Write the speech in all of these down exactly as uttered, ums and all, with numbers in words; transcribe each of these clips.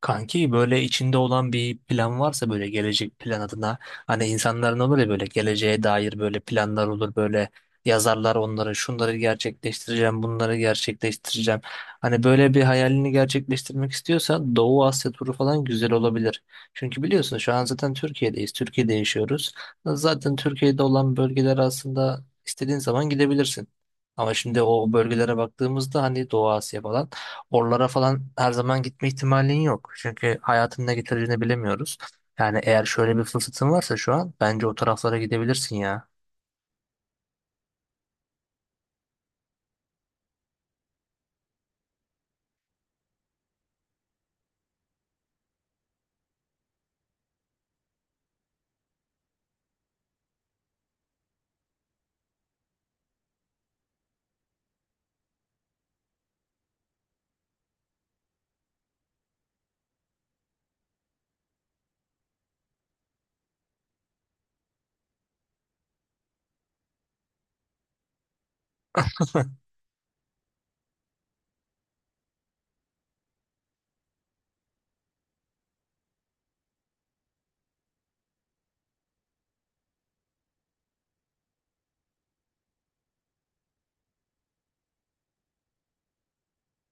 Kanki böyle içinde olan bir plan varsa böyle gelecek plan adına hani insanların olur ya böyle geleceğe dair böyle planlar olur böyle yazarlar onları şunları gerçekleştireceğim bunları gerçekleştireceğim. Hani böyle bir hayalini gerçekleştirmek istiyorsan Doğu Asya turu falan güzel olabilir. Çünkü biliyorsun şu an zaten Türkiye'deyiz, Türkiye'de yaşıyoruz. Zaten Türkiye'de olan bölgeler aslında istediğin zaman gidebilirsin. Ama şimdi o bölgelere baktığımızda hani Doğu Asya falan sporlara falan her zaman gitme ihtimalin yok. Çünkü hayatın ne getireceğini bilemiyoruz. Yani eğer şöyle bir fırsatın varsa şu an bence o taraflara gidebilirsin ya.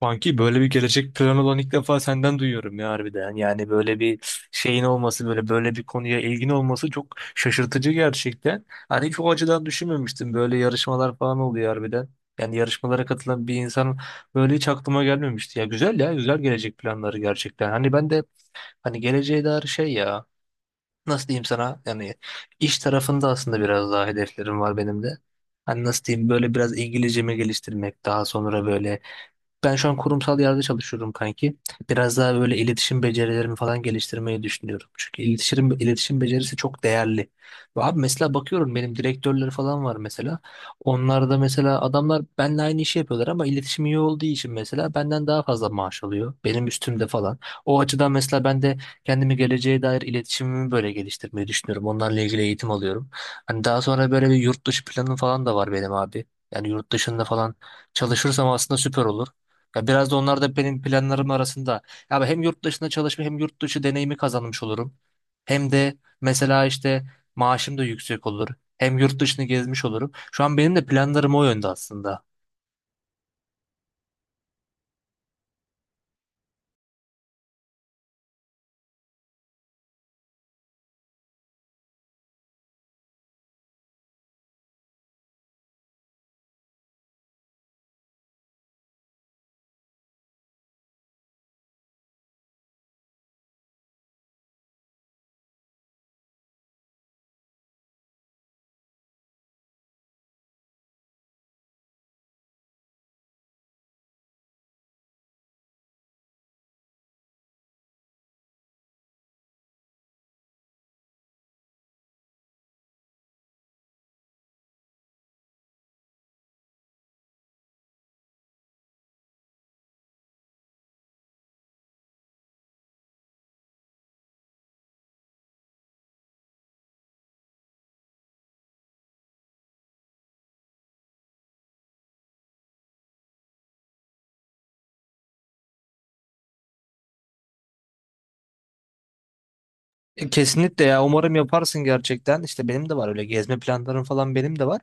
Kanki böyle bir gelecek planı olan ilk defa senden duyuyorum ya harbiden. Yani böyle bir şeyin olması, böyle böyle bir konuya ilgin olması çok şaşırtıcı gerçekten. Hani hiç o açıdan düşünmemiştim. Böyle yarışmalar falan oluyor harbiden. Yani yarışmalara katılan bir insan böyle hiç aklıma gelmemişti. Ya güzel ya, güzel gelecek planları gerçekten. Hani ben de hani geleceğe dair şey ya, nasıl diyeyim sana yani, iş tarafında aslında biraz daha hedeflerim var benim de. Hani nasıl diyeyim, böyle biraz İngilizcemi geliştirmek, daha sonra böyle ben şu an kurumsal yerde çalışıyorum kanki. Biraz daha böyle iletişim becerilerimi falan geliştirmeyi düşünüyorum. Çünkü iletişim iletişim becerisi çok değerli. Ve abi mesela bakıyorum benim direktörler falan var mesela. Onlar da mesela adamlar benimle aynı işi yapıyorlar ama iletişim iyi olduğu için mesela benden daha fazla maaş alıyor. Benim üstümde falan. O açıdan mesela ben de kendimi geleceğe dair iletişimimi böyle geliştirmeyi düşünüyorum. Onlarla ilgili eğitim alıyorum. Hani daha sonra böyle bir yurt dışı planım falan da var benim abi. Yani yurt dışında falan çalışırsam aslında süper olur. Ya biraz da onlar da benim planlarım arasında. Ya hem yurt dışında çalışma hem yurt dışı deneyimi kazanmış olurum. Hem de mesela işte maaşım da yüksek olur. Hem yurt dışını gezmiş olurum. Şu an benim de planlarım o yönde aslında. E, Kesinlikle ya, umarım yaparsın gerçekten. İşte benim de var öyle gezme planlarım, falan benim de var.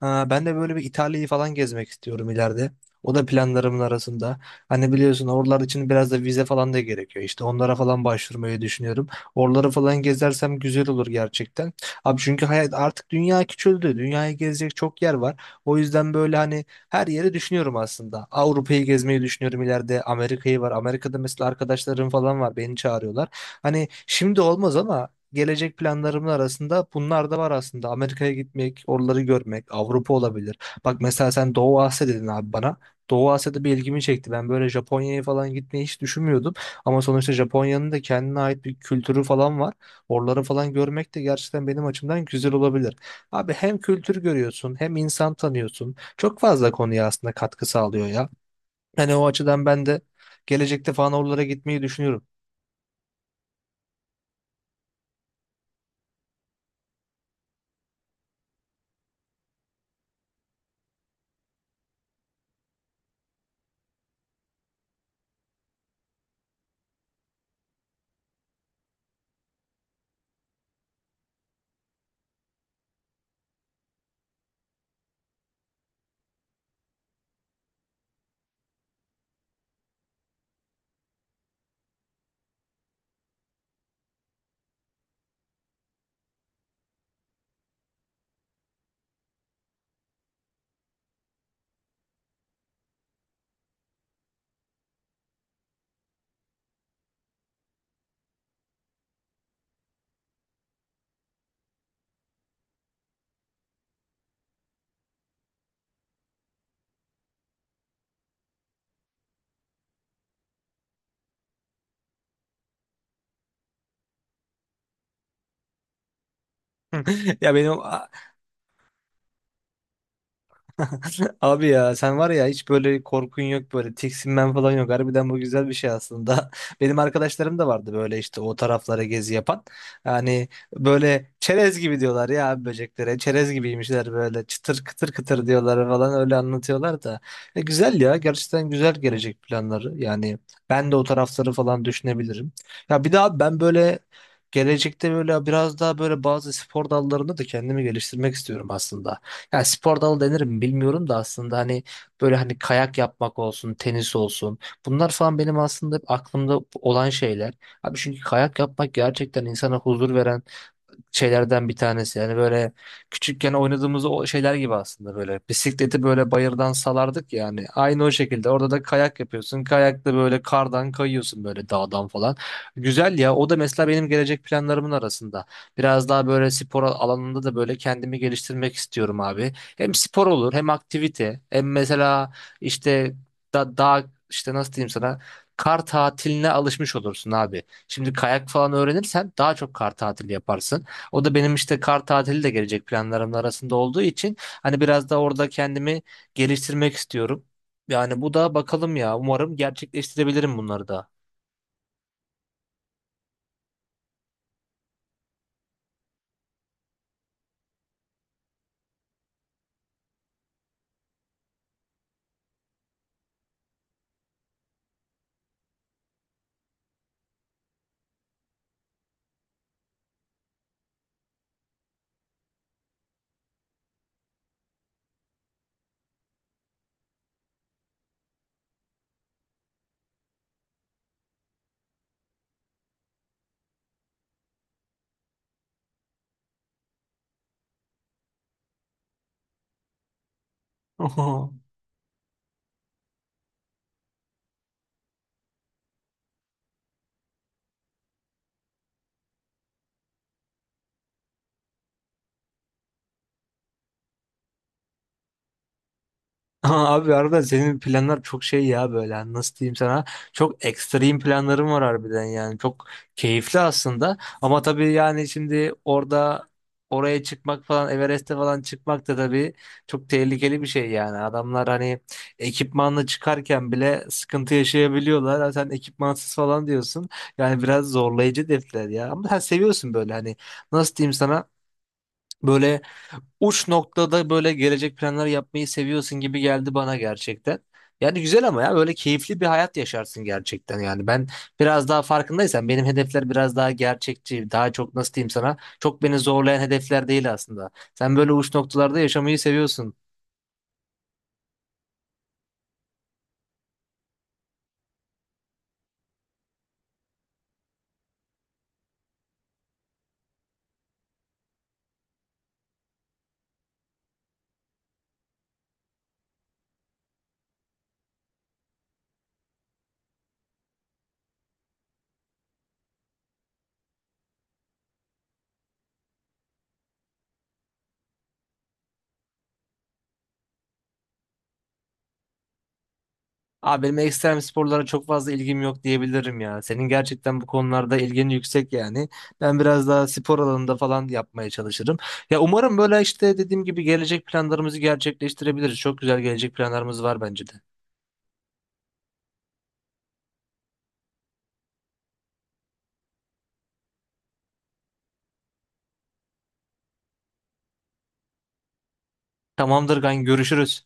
Ha, ben de böyle bir İtalya'yı falan gezmek istiyorum ileride. O da planlarımın arasında. Hani biliyorsun oralar için biraz da vize falan da gerekiyor. İşte onlara falan başvurmayı düşünüyorum. Oraları falan gezersem güzel olur gerçekten. Abi çünkü hayat artık, dünya küçüldü. Dünyayı gezecek çok yer var. O yüzden böyle hani her yeri düşünüyorum aslında. Avrupa'yı gezmeyi düşünüyorum ileride. Amerika'yı var. Amerika'da mesela arkadaşlarım falan var. Beni çağırıyorlar. Hani şimdi olmaz ama gelecek planlarımın arasında bunlar da var aslında. Amerika'ya gitmek, oraları görmek, Avrupa olabilir. Bak mesela sen Doğu Asya dedin abi bana. Doğu Asya'da bir ilgimi çekti. Ben böyle Japonya'ya falan gitmeyi hiç düşünmüyordum. Ama sonuçta Japonya'nın da kendine ait bir kültürü falan var. Oraları falan görmek de gerçekten benim açımdan güzel olabilir. Abi hem kültür görüyorsun, hem insan tanıyorsun. Çok fazla konuya aslında katkı sağlıyor ya. Yani o açıdan ben de gelecekte falan oralara gitmeyi düşünüyorum. Ya benim abi ya sen var ya, hiç böyle korkun yok, böyle tiksinmen falan yok. Harbiden bu güzel bir şey aslında. Benim arkadaşlarım da vardı böyle işte o taraflara gezi yapan. Yani böyle çerez gibi diyorlar ya abi böceklere. Çerez gibiymişler, böyle çıtır kıtır kıtır diyorlar falan, öyle anlatıyorlar da. E, güzel ya, gerçekten güzel gelecek planları. Yani ben de o tarafları falan düşünebilirim. Ya bir daha ben böyle gelecekte böyle biraz daha böyle bazı spor dallarında da kendimi geliştirmek istiyorum aslında. Ya spor dalı denir mi bilmiyorum da aslında hani böyle hani kayak yapmak olsun, tenis olsun. Bunlar falan benim aslında hep aklımda olan şeyler. Abi çünkü kayak yapmak gerçekten insana huzur veren şeylerden bir tanesi. Yani böyle küçükken oynadığımız o şeyler gibi aslında böyle. Bisikleti böyle bayırdan salardık yani. Aynı o şekilde. Orada da kayak yapıyorsun. Kayakta böyle kardan kayıyorsun, böyle dağdan falan. Güzel ya. O da mesela benim gelecek planlarımın arasında. Biraz daha böyle spor alanında da böyle kendimi geliştirmek istiyorum abi. Hem spor olur hem aktivite. Hem mesela işte da, dağ işte, nasıl diyeyim sana, kar tatiline alışmış olursun abi. Şimdi kayak falan öğrenirsen daha çok kar tatili yaparsın. O da benim işte, kar tatili de gelecek planlarım arasında olduğu için, hani biraz da orada kendimi geliştirmek istiyorum. Yani bu da bakalım ya, umarım gerçekleştirebilirim bunları da. Ama abi arada senin planlar çok şey ya, böyle nasıl diyeyim sana, çok ekstrem planlarım var harbiden, yani çok keyifli aslında ama tabii, yani şimdi orada oraya çıkmak falan, Everest'e falan çıkmak da tabii çok tehlikeli bir şey. Yani adamlar hani ekipmanla çıkarken bile sıkıntı yaşayabiliyorlar. Ha sen ekipmansız falan diyorsun, yani biraz zorlayıcı defter ya, ama sen seviyorsun böyle hani, nasıl diyeyim sana, böyle uç noktada böyle gelecek planlar yapmayı seviyorsun gibi geldi bana gerçekten. Yani güzel, ama ya böyle keyifli bir hayat yaşarsın gerçekten yani. Ben biraz daha, farkındaysan, benim hedefler biraz daha gerçekçi, daha çok, nasıl diyeyim sana, çok beni zorlayan hedefler değil aslında. Sen böyle uç noktalarda yaşamayı seviyorsun. Abi benim ekstrem sporlara çok fazla ilgim yok diyebilirim ya. Senin gerçekten bu konularda ilgin yüksek yani. Ben biraz daha spor alanında falan yapmaya çalışırım. Ya umarım böyle işte, dediğim gibi, gelecek planlarımızı gerçekleştirebiliriz. Çok güzel gelecek planlarımız var bence de. Tamamdır kanka, görüşürüz.